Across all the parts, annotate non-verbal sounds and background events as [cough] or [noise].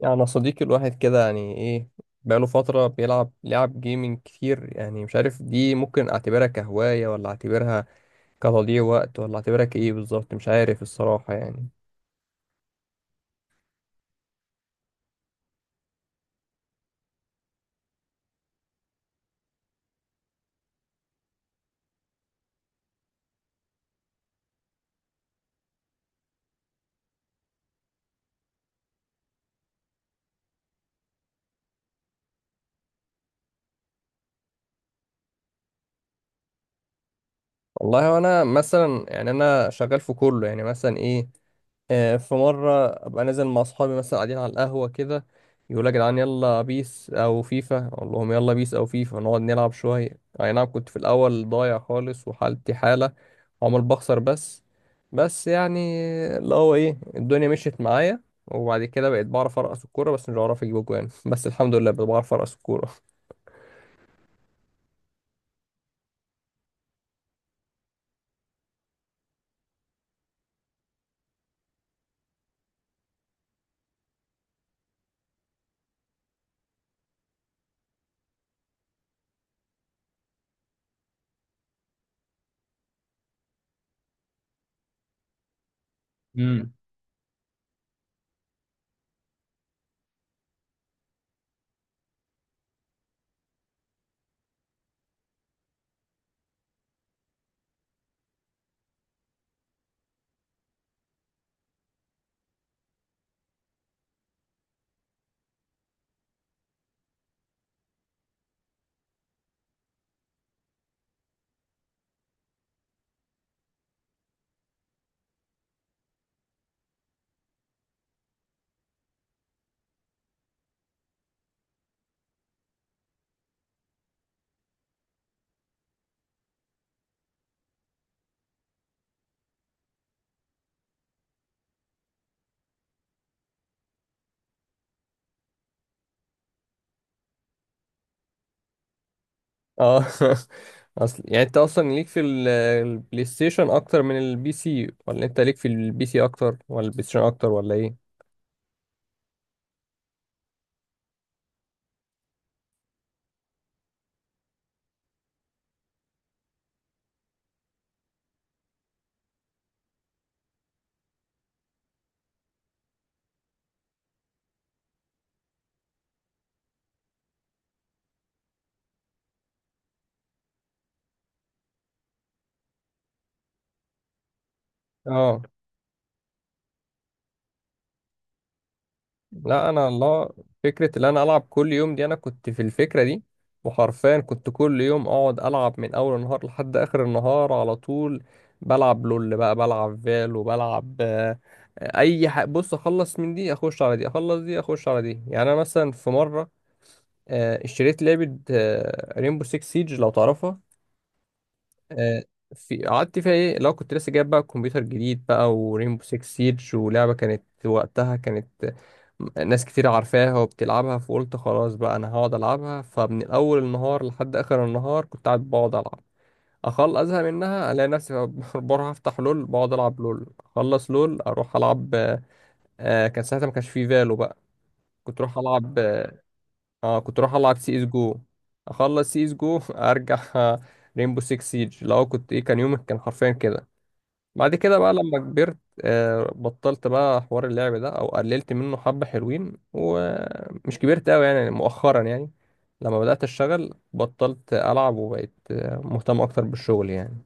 يعني أنا صديقي الواحد كده يعني ايه بقاله فترة بيلعب لعب جيمنج كتير، يعني مش عارف دي ممكن اعتبرها كهواية ولا اعتبرها كتضييع وقت ولا اعتبرها كايه بالظبط، مش عارف الصراحة يعني. والله انا مثلا يعني انا شغال في كله يعني مثلا ايه. في مرة أبقى نازل مع أصحابي مثلا قاعدين على القهوة كده، يقولوا يا جدعان يلا بيس أو فيفا، أقول لهم يلا بيس أو فيفا نقعد نلعب شوية. أي نعم، كنت في الأول ضايع خالص وحالتي حالة وعمال بخسر، بس يعني اللي هو إيه، الدنيا مشيت معايا وبعد كده بقيت بعرف أرقص الكورة بس مش بعرف أجيب أجوان. [laughs] بس الحمد لله بقيت بعرف أرقص الكورة. امم. أه. [laughs] أصل يعني أنت أصلا ليك في البلاي ستيشن أكتر من البي سي، ولا أنت ليك في البي سي أكتر ولا البلاي ستيشن أكتر، ولا إيه؟ اه، لا انا الله، فكره ان انا العب كل يوم دي، انا كنت في الفكره دي. وحرفيا كنت كل يوم اقعد العب من اول النهار لحد اخر النهار على طول، بلعب لول بقى، بلعب فال، وبلعب اي حاجه. بص، اخلص من دي اخش على دي، اخلص دي اخش على دي. يعني انا مثلا في مره اشتريت لعبه ريمبو 6 سيج، لو تعرفها. آه، في قعدت فيها ايه، لو كنت لسه جايب بقى كمبيوتر جديد بقى ورينبو 6 سيج ولعبة كانت وقتها، كانت ناس كتير عارفاها وبتلعبها. فقلت خلاص بقى انا هقعد العبها، فمن اول النهار لحد اخر النهار كنت قاعد بقعد العب اخل ازهق منها، الاقي نفسي [laughs] بروح افتح لول، بقعد العب لول، اخلص لول اروح العب. آه كان ساعتها ما كانش فيه فالو بقى، كنت اروح العب. اه كنت اروح العب سي اس جو، اخلص سي اس جو [laughs] ارجع رينبو 6 سيج. لو كنت ايه، كان يومك كان حرفيا كده. بعد كده بقى لما كبرت، بطلت بقى حوار اللعب ده او قللت منه حبة، حلوين ومش كبرت قوي يعني، مؤخرا يعني لما بدأت اشتغل بطلت العب وبقيت مهتم اكتر بالشغل يعني.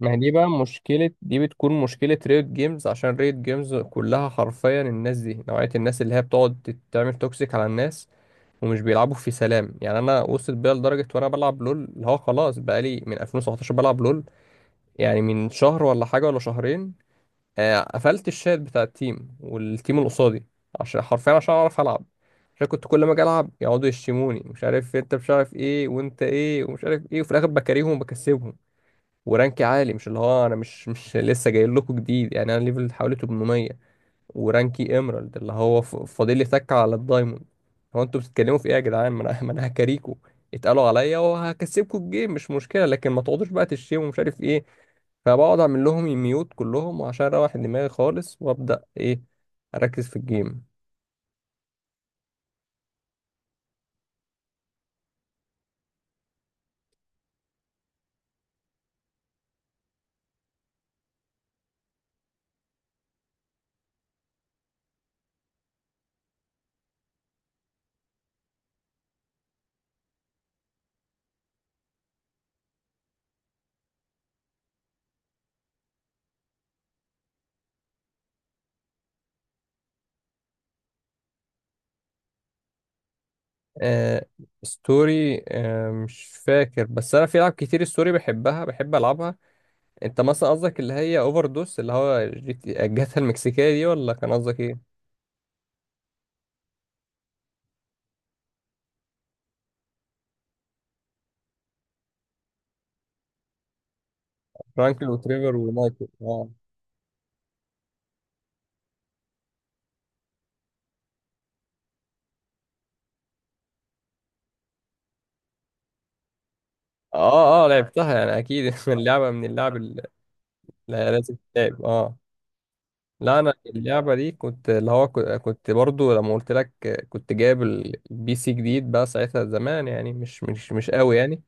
ما هي دي بقى مشكلة، دي بتكون مشكلة ريد جيمز، عشان ريد جيمز كلها حرفيا الناس دي، نوعية الناس اللي هي بتقعد تعمل توكسيك على الناس ومش بيلعبوا في سلام. يعني انا وصلت بيا لدرجة وانا بلعب لول اللي هو خلاص، بقالي من 2017 بلعب لول، يعني من شهر ولا حاجة ولا شهرين قفلت الشات بتاع التيم والتيم اللي قصادي، عشان حرفيا عشان اعرف العب. عشان كنت كل ما اجي العب يقعدوا يشتموني، مش عارف انت، مش عارف ايه، وانت ايه، ومش عارف ايه. وفي الاخر بكاريهم وبكسبهم. ورانكي عالي، مش اللي هو انا مش لسه جاي لكم جديد يعني. انا ليفل حوالي 800 ورانكي ايمرالد اللي هو فاضل لي سكه على الدايموند. هو انتوا بتتكلموا في ايه يا جدعان؟ ما انا [laughs] ما انا هكاريكو اتقالوا عليا وهكسبكوا الجيم، مش مشكله، لكن ما تقعدوش بقى تشتموا ومش عارف ايه. فبقعد اعمل لهم ميوت كلهم، وعشان اروح دماغي خالص وابدا ايه، اركز في الجيم. آه ستوري، آه مش فاكر، بس انا في العاب كتير ستوري بحبها بحب العبها. انت مثلا قصدك اللي هي اوفر دوس، اللي هو الجاتا المكسيكيه دي، ولا كان قصدك ايه؟ فرانكل وتريفر ونايتل. اه اه لعبتها يعني اكيد. [laughs] اللعبه من اللعب اللي هي لازم تلعب، اه. لا انا اللعبه دي كنت اللي هو كنت برضو لما قلت لك كنت جايب البي سي جديد بقى ساعتها، زمان يعني، مش قوي يعني.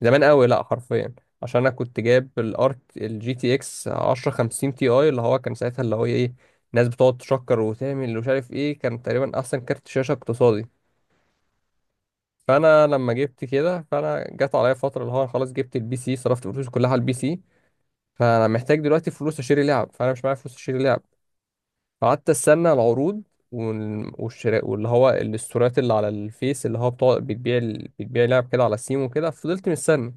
زمان قوي لا، حرفيا. عشان انا كنت جايب الارت الجي تي اكس 1050 تي اي، اللي هو كان ساعتها اللي هو ايه، ناس بتقعد تشكر وتعمل ومش عارف ايه، كان تقريبا احسن كارت شاشه اقتصادي. فانا لما جبت كده، فانا جت عليا فتره اللي هو أنا خلاص جبت البي سي صرفت فلوسي كلها على البي سي، فانا محتاج دلوقتي فلوس اشتري لعب، فانا مش معايا فلوس اشتري لعب. فقعدت استنى العروض والشراء، واللي هو الاستورات اللي على الفيس، اللي هو بتوع بتبيع بتبيع لعب كده على سيم وكده. فضلت مستني،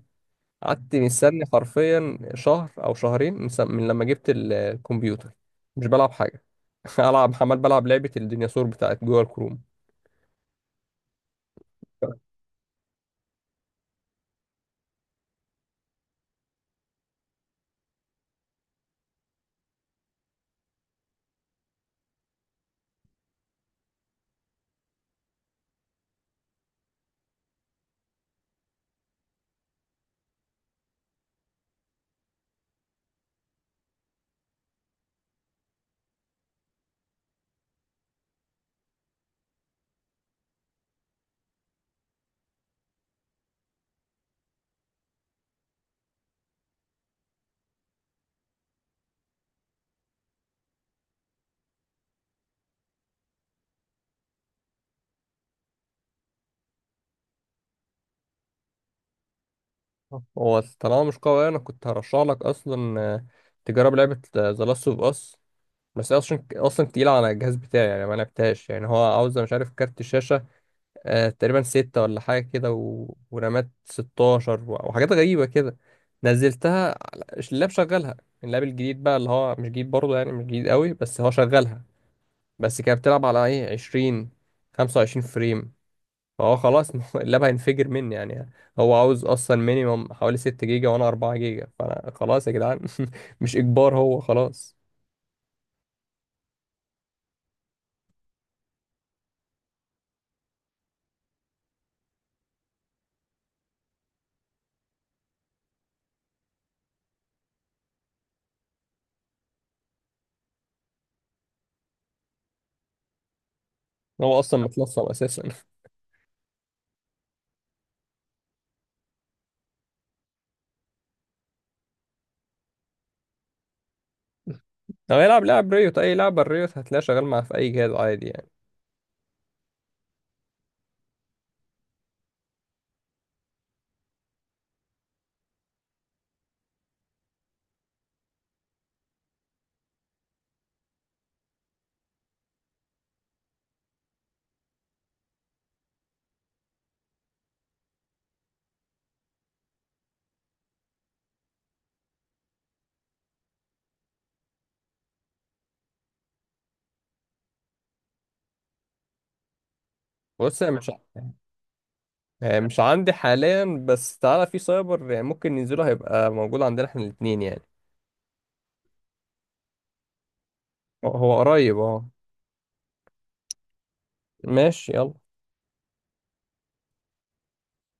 قعدت مستني حرفيا شهر او شهرين من من لما جبت الكمبيوتر، مش بلعب حاجه. [laughs] العب عمال بلعب لعبه الديناصور بتاعت جوه الكروم. هو طالما مش قوي، انا كنت هرشح لك اصلا تجرب لعبه ذا لاست اوف اس، بس هي اصلا تقيله على الجهاز بتاعي يعني، ما لعبتهاش يعني. هو عاوز مش عارف كارت شاشه آه تقريبا ستة ولا حاجه كده، ورامات 16، وحاجات غريبه كده. نزلتها على- اللاب شغلها. اللاب الجديد بقى، اللي هو مش جديد برضه يعني، مش جديد قوي، بس هو شغلها. بس كانت بتلعب على ايه، 20، 25 فريم، فهو خلاص [laughs] اللاب هينفجر مني يعني. هو عاوز اصلا مينيمم حوالي 6 جيجا وانا 4 جيجا، فانا خلاص يا جدعان. [laughs] مش اجبار، هو خلاص. هو اصلا متلصم اساسا. لو يلعب لاعب ريوت اي لعبه ريوت هتلاقيه شغال معاه في اي جهاز عادي يعني. بص أنا مش مش عندي حاليا، بس تعالى في سايبر يعني ممكن ننزله، هيبقى موجود عندنا احنا الاثنين يعني. هو قريب، اه. ماشي يلا.